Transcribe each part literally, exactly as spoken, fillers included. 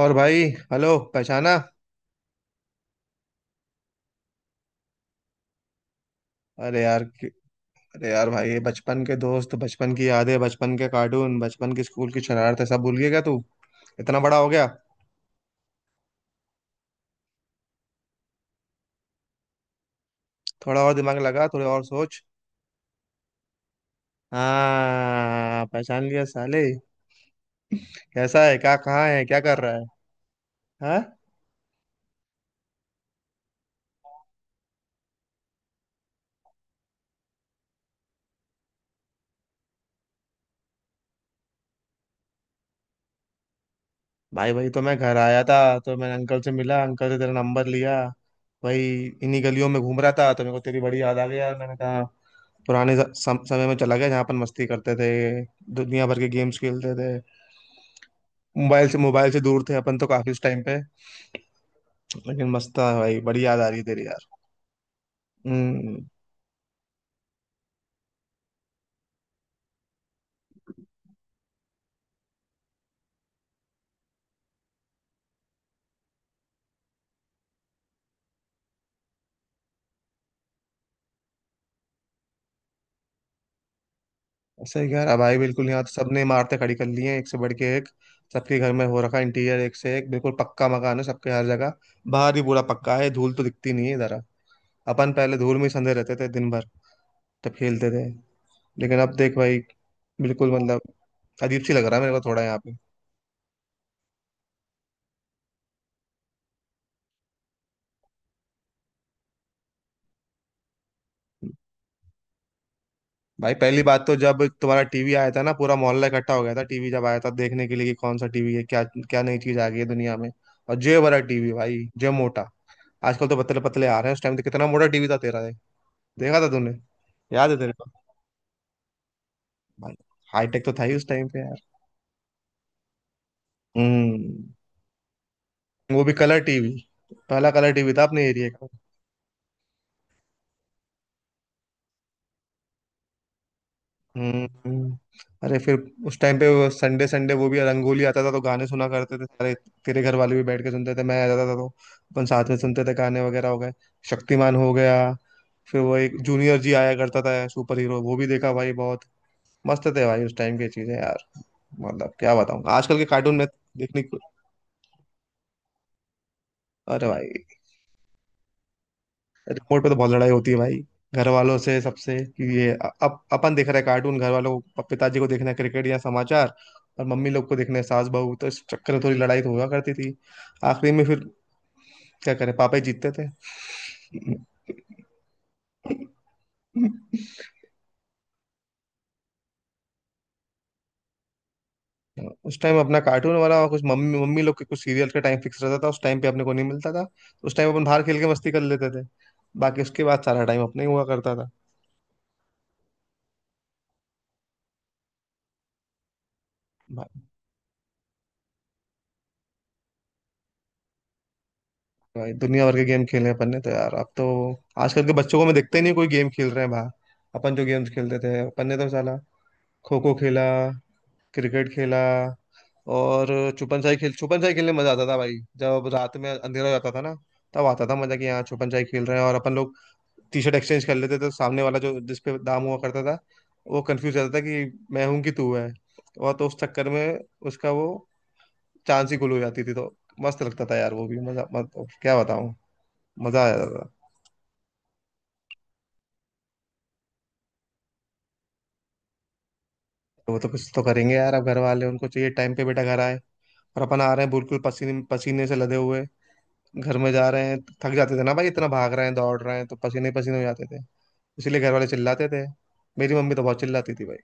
और भाई। हेलो, पहचाना? अरे यार कि- अरे यार भाई, ये बचपन के दोस्त, बचपन की यादें, बचपन के कार्टून, बचपन की स्कूल की शरारतें सब भूल गया क्या तू? इतना बड़ा हो गया। थोड़ा और दिमाग लगा, थोड़ा और सोच। हाँ, पहचान लिया साले। कैसा है क्या, कहाँ है, क्या कर रहा है? हाँ भाई, वही तो मैं घर आया था। तो मैंने अंकल से मिला, अंकल से तेरा नंबर लिया। वही इन्हीं गलियों में घूम रहा था तो मेरे को तेरी बड़ी याद आ गई यार। मैंने कहा पुराने ज- सम, समय में चला गया जहाँ अपन मस्ती करते थे, दुनिया भर के गेम्स खेलते थे। मोबाइल से मोबाइल से दूर थे अपन तो काफी उस टाइम पे। लेकिन मस्त था भाई, बड़ी याद आ रही है तेरी यार। हम्म सही कह रहा भाई, बिल्कुल। यहाँ तो सबने इमारतें खड़ी कर ली हैं एक से बढ़ के एक। सबके घर में हो रखा इंटीरियर, एक से एक बिल्कुल पक्का मकान है सबके, हर जगह बाहर भी पूरा पक्का है। धूल तो दिखती नहीं है इधर। अपन पहले धूल में ही संधे रहते थे दिन भर जब खेलते थे। लेकिन अब देख भाई, बिल्कुल, मतलब अजीब सी लग रहा है मेरे को थोड़ा यहाँ पे। भाई पहली बात तो, जब तुम्हारा टीवी आया था ना, पूरा मोहल्ला इकट्ठा हो गया था टीवी जब आया था देखने के लिए कि कौन सा टीवी है क्या, क्या नई चीज आ गई है दुनिया में। और जे बड़ा टीवी भाई, जे मोटा। आजकल तो पतले पतले आ रहे हैं, उस टाइम तो कितना मोटा टीवी था तेरा ये। देखा था तूने, याद है तेरे को भाई? हाईटेक तो था ही उस टाइम पे यार। हम्म वो भी कलर टीवी, पहला कलर टीवी था अपने एरिया का। हम्म अरे फिर उस टाइम पे वो संडे संडे वो भी रंगोली आता था तो गाने सुना करते थे सारे। तेरे घर वाले भी बैठ के सुनते थे, मैं आ जाता था तो अपन साथ में सुनते थे गाने वगैरह। हो गए शक्तिमान हो गया, फिर वो एक जूनियर जी आया करता था सुपर हीरो, वो भी देखा भाई बहुत। मस्त थे भाई उस टाइम की चीजें यार। मतलब क्या बताऊं आजकल के कार्टून में देखने को। अरे भाई, रिमोट पे तो बहुत लड़ाई होती है भाई घर वालों से, सबसे, कि ये अ- अप, अपन देख रहे हैं कार्टून, घर वालों को, पिताजी को देखना है क्रिकेट या समाचार, और मम्मी लोग को देखना है सास बहू। तो इस चक्कर में थोड़ी लड़ाई तो हुआ करती थी। आखिरी में फिर क्या करें, पापा ही जीतते थे। उस टाइम अपना कार्टून वाला और कुछ मम्मी मम्मी लोग के कुछ सीरियल का टाइम फिक्स रहता था, उस टाइम पे अपने को नहीं मिलता था तो उस टाइम अपन बाहर खेल के मस्ती कर लेते थे। बाकी उसके बाद सारा टाइम अपने ही हुआ करता था। भाई दुनिया भर के गेम खेले हैं अपन ने तो यार। अब तो आजकल के बच्चों को मैं देखता ही नहीं कोई गेम खेल रहे हैं बाहर। अपन जो गेम्स खेलते थे अपन ने तो साला, खो खो खेला, क्रिकेट खेला, और छुपन छाई खेल, छुपन छाई खेलने में मजा आता था भाई। जब रात में अंधेरा हो जाता था ना, तब आता था मजा कि यहाँ छुपन छाई खेल रहे हैं और अपन लोग टी शर्ट एक्सचेंज कर लेते थे, तो सामने वाला जो जिस पे दाम हुआ करता था वो कंफ्यूज रहता था कि मैं हूं कि तू है। और तो उस चक्कर में उसका वो चांद सी गुल हो जाती थी। तो मस्त लगता था यार, वो भी मजा मत, क्या बताऊँ, मजा आ जाता था। तो वो तो कुछ तो करेंगे यार। अब घर वाले, उनको चाहिए टाइम पे बेटा घर आए, और अपन आ रहे हैं बिल्कुल पसीने पसीने से लदे हुए घर में जा रहे हैं। थक जाते थे ना भाई, इतना भाग रहे हैं दौड़ रहे हैं तो पसीने पसीने हो जाते थे। इसीलिए घर वाले चिल्लाते थे। मेरी मम्मी तो बहुत चिल्लाती थी भाई।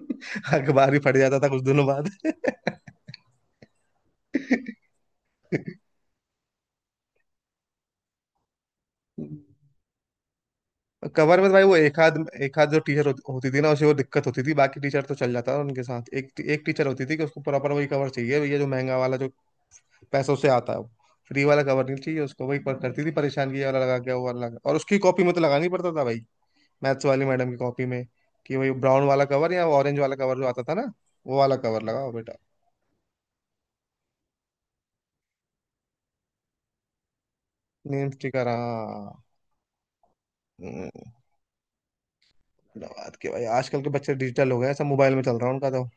अखबार ही फट जाता था कुछ दिनों बाद। कवर में तो भाई वो एक आध, एक आध जो टीचर होती थी ना उसे वो दिक्कत होती थी, बाकी टीचर तो चल जाता था उनके साथ। एक एक टीचर होती थी कि उसको प्रॉपर वही कवर चाहिए भैया जो महंगा वाला, जो पैसों से आता है वो। फ्री वाला कवर नहीं चाहिए उसको, वही पर करती थी परेशान, किया वाला लगा क्या, वो वाला लगा, और उसकी कॉपी में तो लगाना ही पड़ता था भाई, मैथ्स वाली मैडम की कॉपी में कि वही ब्राउन वाला कवर या ऑरेंज वाला कवर जो आता था ना वो वाला कवर लगाओ बेटा। नेम स्टिकर, हाँ। हम्म, बड़ा बात के भाई, आजकल के बच्चे डिजिटल हो गए, सब मोबाइल में चल रहा है उनका तो।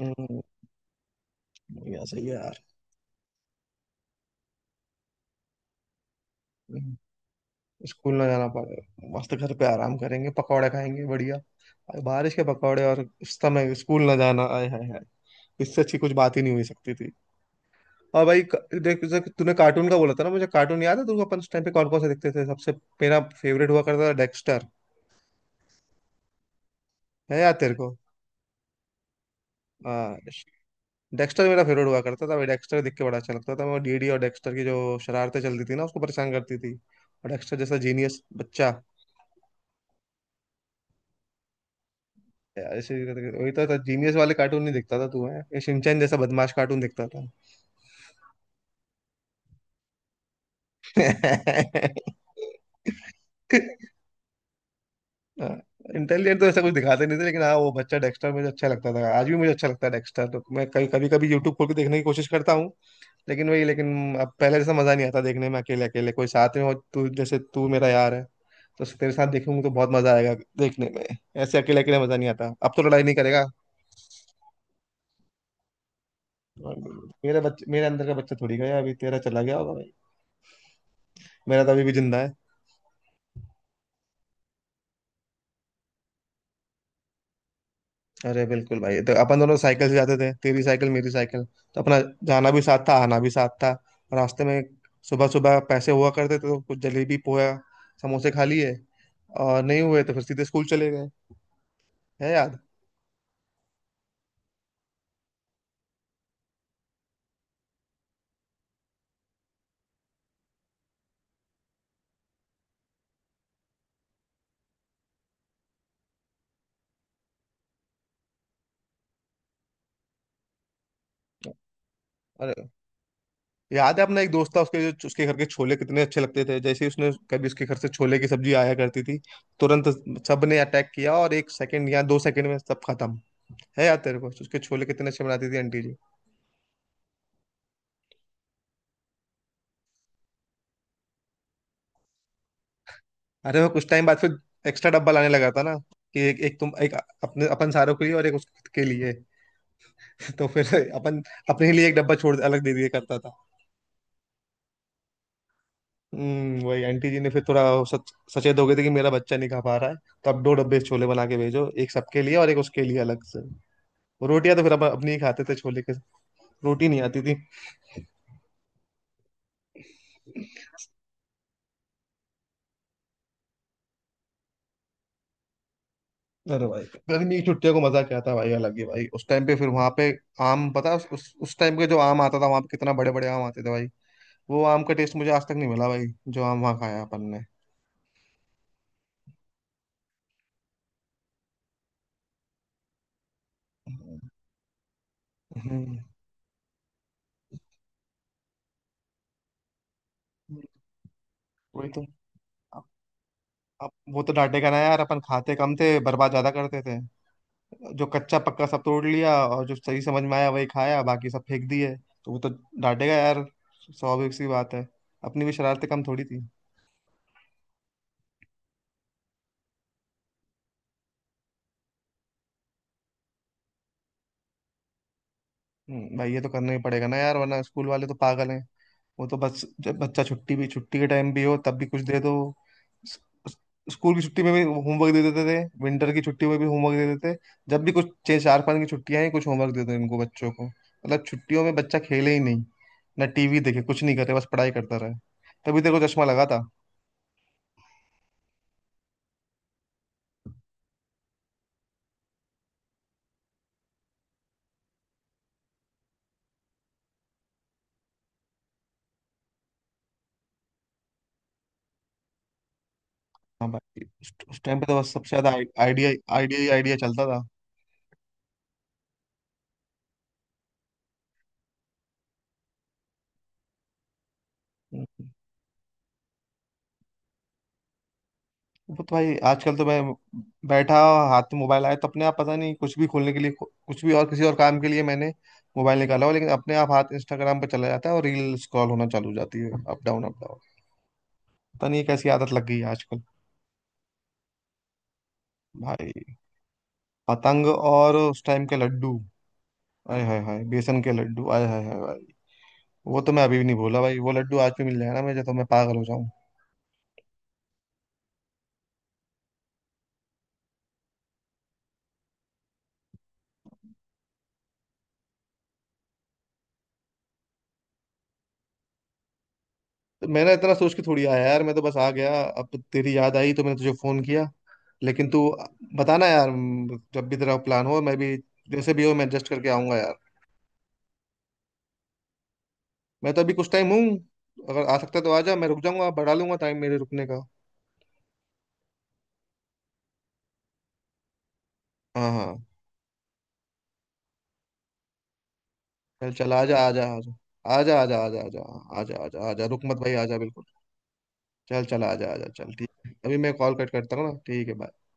हम्म, बढ़िया, सही है यार। स्कूल ना जाना पड़ेगा, मस्त घर पे आराम करेंगे, पकौड़े खाएंगे बढ़िया। और बारिश के पकौड़े और उस समय स्कूल ना जाना, आए हाय हाय, इससे अच्छी कुछ बात ही नहीं हुई सकती थी। और भाई क- देख जैसे कि तूने कार्टून का बोला था ना, मुझे कार्टून याद है, तुमको अपन उस टाइम पे कौन कौन से देखते थे सबसे? मेरा फेवरेट हुआ करता था डेक्स्टर। है याद तेरे को? हाँ, डेक्स्टर मेरा फेवरेट हुआ करता था भाई, डेक्स्टर देख के बड़ा अच्छा लगता था मैं। डीडी और डेक्स्टर की जो शरारतें चलती थी ना, उसको परेशान करती थी, और डेक्स्टर जैसा जीनियस बच्चा। यार ऐसे वही तो था जीनियस वाले, कार्टून नहीं देखता था तू, है ये शिनचैन जैसा बदमाश कार्टून देखता था। इंटेलिजेंट तो ऐसा कुछ दिखाते नहीं थे, लेकिन हाँ वो बच्चा डेक्स्टर मुझे अच्छा लगता था, आज भी मुझे अच्छा लगता है डेक्स्टर। तो मैं कभी कभी कभी यूट्यूब खोल के देखने की कोशिश करता हूँ, लेकिन वही, लेकिन अब पहले जैसा मजा नहीं आता देखने में अकेले अकेले। कोई साथ में हो, तू जैसे, तू मेरा यार है तो तेरे साथ देखूंगा तो बहुत मजा आएगा देखने में। ऐसे अकेले अकेले मजा नहीं आता। अब तो लड़ाई नहीं करेगा। मेरा बच्चे मेरे अंदर का बच्चा थोड़ी गया, अभी तेरा चला गया होगा, मेरा तो अभी भी जिंदा है। अरे बिल्कुल भाई, तो अपन दोनों साइकिल से जाते थे, तेरी साइकिल मेरी साइकिल, तो अपना जाना भी साथ था आना भी साथ था। रास्ते में सुबह सुबह पैसे हुआ करते थे तो कुछ जलेबी पोया समोसे खा लिए, और नहीं हुए तो फिर सीधे स्कूल चले गए। है याद? अरे याद है, अपना एक दोस्त था उसके जो उसके घर के छोले कितने अच्छे लगते थे। जैसे ही उसने कभी उसके घर से छोले की सब्जी आया करती थी, तुरंत सबने अटैक किया और एक सेकंड या दो सेकंड में सब खत्म। है याद तेरे को, उसके छोले कितने अच्छे बनाती थी आंटी। अरे वो कुछ टाइम बाद फिर एक्स्ट्रा डब्बा लाने लगा था ना, कि एक एक तुम एक अपने अपन सारों के लिए और एक उसके खुद के लिए। तो फिर अपन, अपने लिए एक डब्बा छोड़ अलग दे दिया करता था। हम्म, वही आंटी जी ने फिर थोड़ा सच, सचेत हो गए थे कि मेरा बच्चा नहीं खा पा रहा है, तो अब दो डब्बे छोले बना के भेजो, एक सबके लिए और एक उसके लिए अलग से। रोटियां तो फिर अपन अपनी ही खाते थे, छोले के रोटी नहीं आती थी। अरे भाई, गर्मी की छुट्टियों को मजा क्या था भाई, अलग ही भाई उस टाइम पे। फिर वहां पे आम, पता है, उस उस टाइम के जो आम आता था वहां पे, कितना बड़े बड़े आम आते थे भाई, वो आम का टेस्ट मुझे आज तक नहीं मिला भाई जो आम वहाँ खाया अपन ने। हम्म वही तो। अब, अब वो तो डांटेगा ना यार। अपन खाते कम थे, बर्बाद ज्यादा करते थे, जो कच्चा पक्का सब तोड़ लिया और जो सही समझ में आया वही खाया, बाकी सब फेंक दिए। तो वो तो डांटेगा यार, स्वाभाविक सी बात है। अपनी भी शरारतें कम थोड़ी थी। हम्म, भाई ये तो करना ही पड़ेगा ना यार, वरना स्कूल वाले तो पागल हैं। वो तो बस जब बच्चा छुट्टी भी, छुट्टी के टाइम भी हो तब भी कुछ दे दो। स- स- स्कूल की छुट्टी में भी होमवर्क दे देते थे, विंटर की छुट्टी में भी होमवर्क दे देते। जब भी कुछ छह चार पाँच की छुट्टियां हैं कुछ होमवर्क दे दो इनको बच्चों को। मतलब छुट्टियों में बच्चा खेले ही नहीं, ना टीवी देखे, कुछ नहीं करे, बस पढ़ाई करता रहे। तभी तेरे को चश्मा लगा था। हाँ भाई, उस टाइम पे तो बस सबसे ज्यादा आइडिया आइडिया आइडिया ही आइडिया चलता था। हम्म। वो तो भाई आजकल तो मैं बैठा, हाथ में मोबाइल आया तो अपने आप, पता नहीं, कुछ भी खोलने के लिए, कुछ भी और किसी और काम के लिए मैंने मोबाइल निकाला हो, लेकिन अपने आप हाथ इंस्टाग्राम पर चला जाता है और रील स्क्रॉल होना चालू हो जाती है, अप डाउन अप डाउन। पता नहीं ये कैसी आदत लग गई है आजकल। भाई पतंग, और उस टाइम के लड्डू, आय हाय हाय, बेसन के लड्डू, आय हाय हाय भाई। वो तो मैं अभी भी नहीं भूला भाई, वो लड्डू आज भी मिल जाए ना मुझे तो मैं पागल हो जाऊं। तो मैंने इतना सोच के थोड़ी आया यार, मैं तो बस आ गया, अब तेरी याद आई तो मैंने तुझे फोन किया। लेकिन तू बताना यार, म, जब भी तेरा प्लान हो मैं भी, जैसे भी हो मैं एडजस्ट करके आऊंगा यार। मैं तो अभी कुछ टाइम हूँ, अगर आ सकता है तो आ जा, मैं रुक जाऊंगा, बढ़ा लूंगा टाइम मेरे रुकने का। हाँ हाँ, चल चल आ जा आ जा आ जा। आ जा आ जा आ जा आ जा आ जा आ जा। आ जा रुक मत भाई, आ जा बिल्कुल। चल चल आ जा आ जा, चल ठीक है, अभी मैं कॉल कट करता हूँ ना, ठीक है bye।